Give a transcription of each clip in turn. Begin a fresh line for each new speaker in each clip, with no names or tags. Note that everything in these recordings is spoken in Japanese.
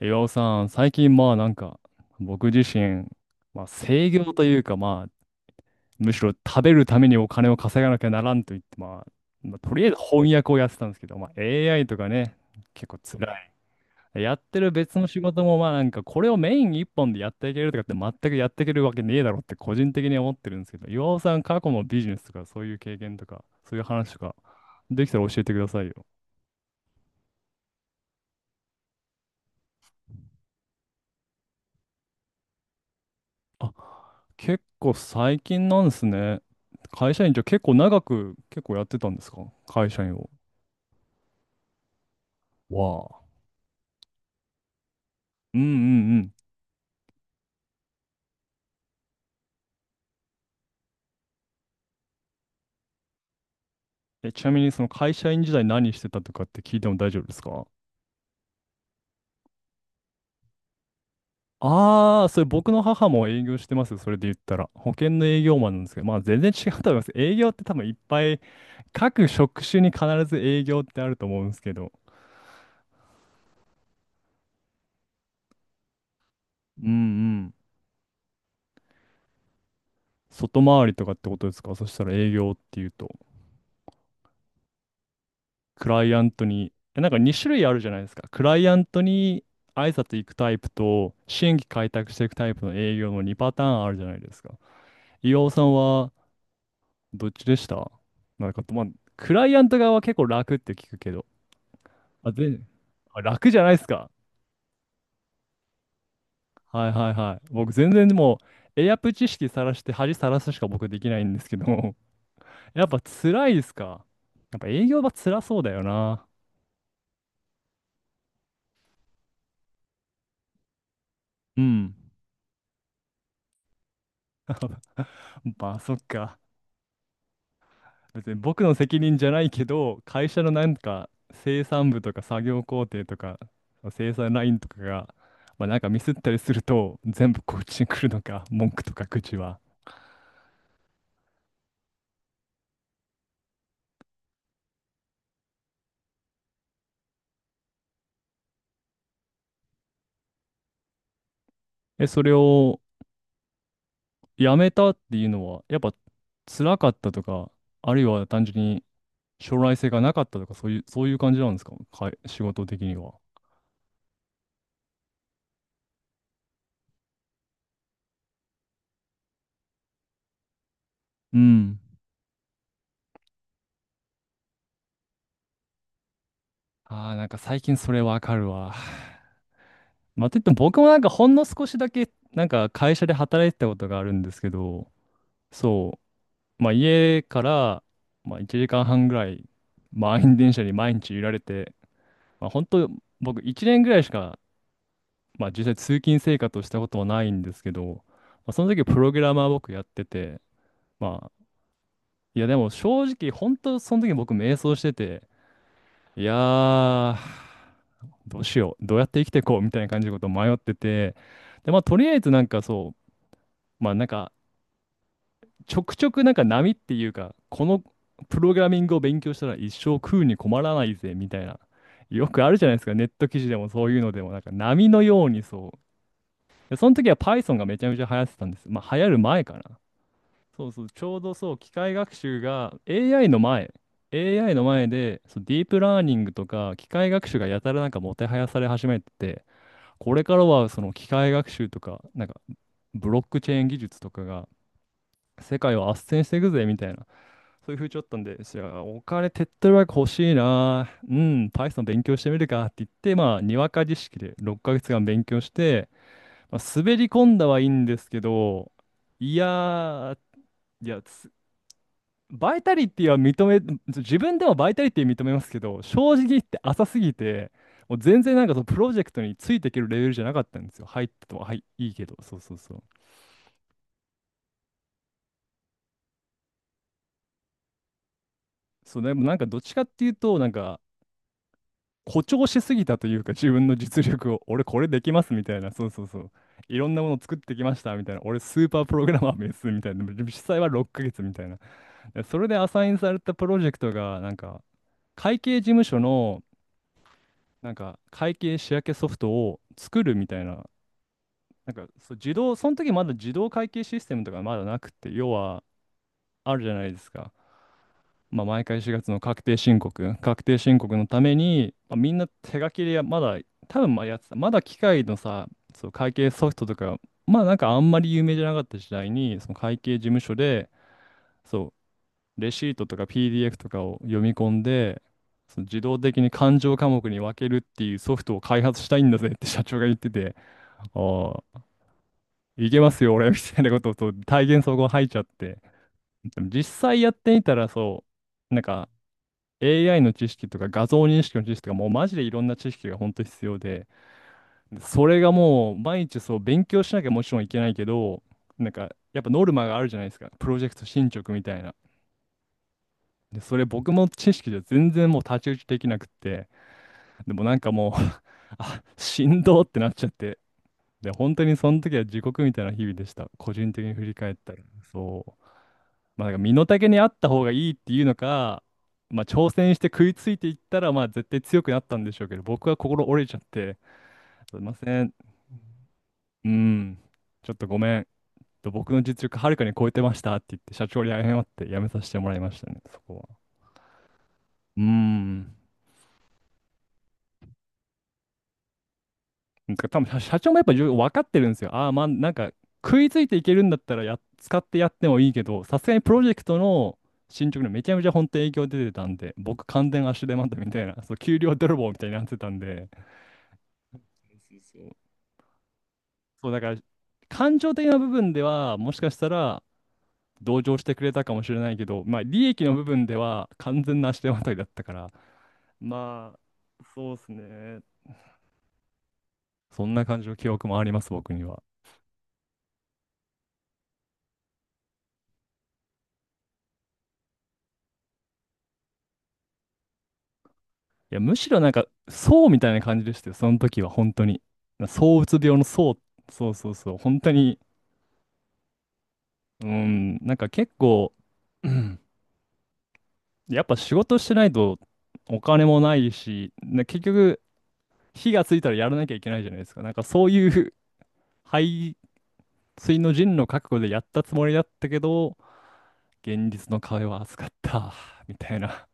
岩尾さん、最近まあなんか、僕自身、まあ制御というかまあ、むしろ食べるためにお金を稼がなきゃならんと言って、まあとりあえず翻訳をやってたんですけど、まあ AI とかね、結構辛い。やってる別の仕事もまあなんか、これをメイン一本でやっていけるとかって全くやっていけるわけねえだろって個人的に思ってるんですけど、岩尾さん過去のビジネスとかそういう経験とか、そういう話とか、できたら教えてくださいよ。結構最近なんですね。会社員じゃ結構長く結構やってたんですか？会社員を。わあ。うんうんうん。え、ちなみにその会社員時代何してたとかって聞いても大丈夫ですか？ああー、それ僕の母も営業してますよ。それで言ったら。保険の営業マンなんですけど、まあ全然違うと思います。営業って多分いっぱい、各職種に必ず営業ってあると思うんですけど。うんうん。外回りとかってことですか、そしたら営業っていうと。クライアントに、えなんか2種類あるじゃないですか。クライアントに挨拶行くタイプと、新規開拓していくタイプの営業の2パターンあるじゃないですか。岩尾さんはどっちでした？なんか、まあ、クライアント側は結構楽って聞くけど。あ、全あ、楽じゃないですか。はいはいはい。僕全然もう、エアプ知識さらして恥さらすしか僕できないんですけど、やっぱ辛いですか？やっぱ営業は辛そうだよな。うん。まあそっか。別に僕の責任じゃないけど、会社のなんか生産部とか作業工程とか生産ラインとかが、まあ、なんかミスったりすると全部こっちに来るのか、文句とか口は。え、それをやめたっていうのは、やっぱ辛かったとか、あるいは単純に将来性がなかったとか、そういう、そういう感じなんですか、仕事的には。うん。ああ、なんか最近それわかるわ。まあ、といっても僕もなんかほんの少しだけなんか会社で働いてたことがあるんですけど、そう、まあ、家から、まあ、1時間半ぐらい満員電車に毎日揺られて、まあ、本当僕1年ぐらいしか、まあ、実際通勤生活をしたことはないんですけど、まあ、その時プログラマー僕やってて、まあ、いやでも正直本当その時僕迷走してて、いやー、どうしよう、どうやって生きていこうみたいな感じのことを迷ってて、で、まあ、とりあえずなんかそう、まあなんか、ちょくちょくなんか波っていうか、このプログラミングを勉強したら一生食うに困らないぜ、みたいな。よくあるじゃないですか、ネット記事でもそういうのでも、なんか波のようにそう。で、その時は Python がめちゃめちゃ流行ってたんです。まあ流行る前かな。そうそう、ちょうどそう、機械学習が AI の前、AI の前で、そう、ディープラーニングとか機械学習がやたらなんかもてはやされ始めてて、これからはその機械学習とか、なんかブロックチェーン技術とかが世界を斡旋していくぜみたいな。そういう風潮だったんですよ、じゃあお金手っ取り早く欲しいな、うん、Python 勉強してみるかって言って、まあ、にわか知識で6ヶ月間勉強して、まあ、滑り込んだはいいんですけど、いやー、いや、バイタリティは認め、自分でもバイタリティ認めますけど、正直言って浅すぎて、もう全然なんかそのプロジェクトについていけるレベルじゃなかったんですよ。入ってとは、はい、いいけど、そうそうそう。そう、でもなんかどっちかっていうと、なんか誇張しすぎたというか、自分の実力を、俺これできますみたいな、そうそうそう。いろんなものを作ってきましたみたいな、俺スーパープログラマーですみたいな、でも実際は6ヶ月みたいな。でそれでアサインされたプロジェクトが、なんか、会計事務所の、なんか、会計仕分けソフトを作るみたいな、なんか、そう、自動、その時まだ自動会計システムとかまだなくて、要は、あるじゃないですか。まあ、毎回4月の確定申告、確定申告のために、まあ、みんな手書きでやまだ、多分まあやってた、まだ機械のさ、そう会計ソフトとか、まあなんかあんまり有名じゃなかった時代に、その会計事務所で、そう、レシートとか PDF とかを読み込んで、その自動的に勘定科目に分けるっていうソフトを開発したいんだぜって社長が言ってて、ああ、いけますよ、俺みたいなことをそう体現そこ入っちゃって、でも実際やってみたらそう、なんか、AI の知識とか画像認識の知識とかもうマジでいろんな知識が本当に必要で、それがもう毎日そう勉強しなきゃもちろんいけないけど、なんかやっぱノルマがあるじゃないですか。プロジェクト進捗みたいな。で、それ僕も知識じゃ全然もう太刀打ちできなくって、でもなんかもう あ、しんどってなっちゃって、で、本当にその時は地獄みたいな日々でした。個人的に振り返ったら。そう。まあ、なんか身の丈にあった方がいいっていうのか、まあ、挑戦して食いついていったら、まあ、絶対強くなったんでしょうけど、僕は心折れちゃって、すいません、うん、ちょっとごめん、と僕の実力はるかに超えてましたって言って、社長に謝って辞めさせてもらいましたね、そこは。うん。なんか多分社長もやっぱ分かってるんですよ。ああ、まあなんか食いついていけるんだったら使ってやってもいいけど、さすがにプロジェクトの進捗にめちゃめちゃ本当に影響出てたんで、僕完全足手まといみたいな、そう、給料泥棒みたいになってたんで、そうそう。そうだから感情的な部分ではもしかしたら同情してくれたかもしれないけど、まあ利益の部分では完全な足手まといだったから、まあ、そうですね。そんな感じの記憶もあります、僕には。いや、むしろなんか、そうみたいな感じでしたよ、その時は、本当に。躁うつ病のそうそうそうそう、本当に、うん、なんか結構、うん、やっぱ仕事してないとお金もないし、結局、火がついたらやらなきゃいけないじゃないですか。なんかそういう背水の陣の覚悟でやったつもりだったけど、現実の壁は厚かった、みたいな。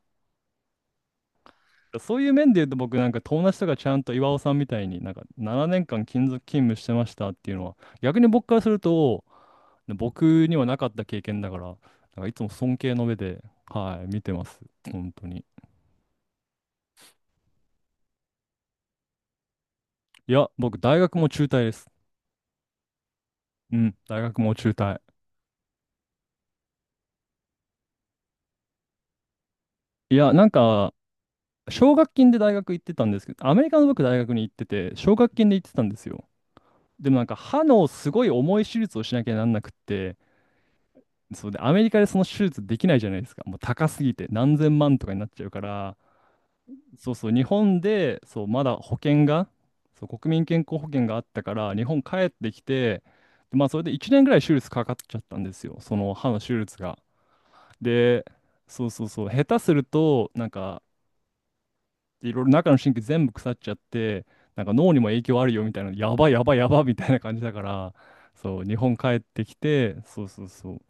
そういう面で言うと、僕、友達とかちゃんと岩尾さんみたいに7年間勤続勤務してましたっていうのは、逆に僕からすると僕にはなかった経験だから、いつも尊敬の目で、はい、見てます。本当に。いや、僕大学も中退です。うん、大学も中退。いやなんか奨学金で大学行ってたんですけど、アメリカの、僕大学に行ってて、奨学金で行ってたんですよ。でも歯のすごい重い手術をしなきゃなんなくって、そうで、アメリカでその手術できないじゃないですか。もう高すぎて何千万とかになっちゃうから、そうそう、日本で、そう、まだ保険が、そう、国民健康保険があったから、日本帰ってきて、で、まあ、それで1年ぐらい手術かかっちゃったんですよ。その歯の手術が。で、そうそうそう、下手すると、いろいろ中の神経全部腐っちゃって、脳にも影響あるよみたいな、やばいやばいやばいみたいな感じだから、そう、日本帰ってきて、そうそうそう。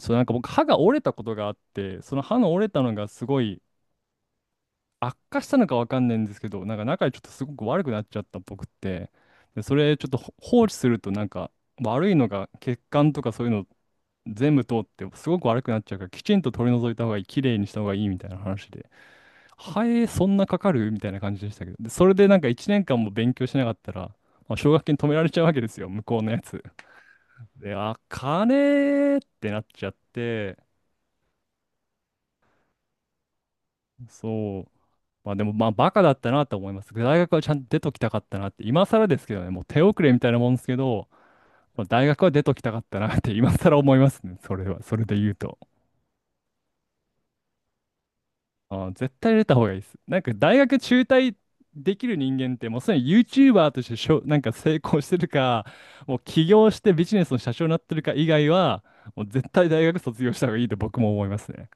そう、僕、歯が折れたことがあって、その歯の折れたのがすごい悪化したのかわかんないんですけど、中でちょっとすごく悪くなっちゃったっぽくって、で、それちょっと放置すると悪いのが血管とかそういうの全部通ってすごく悪くなっちゃうから、きちんと取り除いた方がいい、きれいにした方がいいみたいな話で、ハエそんなかかるみたいな感じでしたけど、で、それで1年間も勉強しなかったら、まあ、奨学金止められちゃうわけですよ、向こうのやつ。で、あ、金ってなっちゃって、そう。まあでも、まあ、バカだったなと思います。大学はちゃんと出ときたかったなって、今更ですけどね、もう手遅れみたいなもんですけど、まあ、大学は出ときたかったなって 今更思いますね、それは、それで言うと。あー、絶対出た方がいいです。大学中退できる人間って、もうすでに YouTuber としてしょ、なんか成功してるか、もう起業してビジネスの社長になってるか以外は、もう絶対大学卒業した方がいいと僕も思いますね。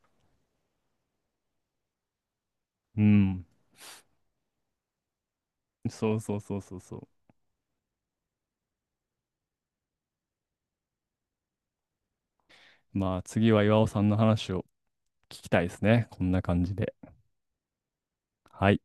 うん。そうそうそうそうそう。まあ、次は岩尾さんの話を聞きたいですね。こんな感じで。はい。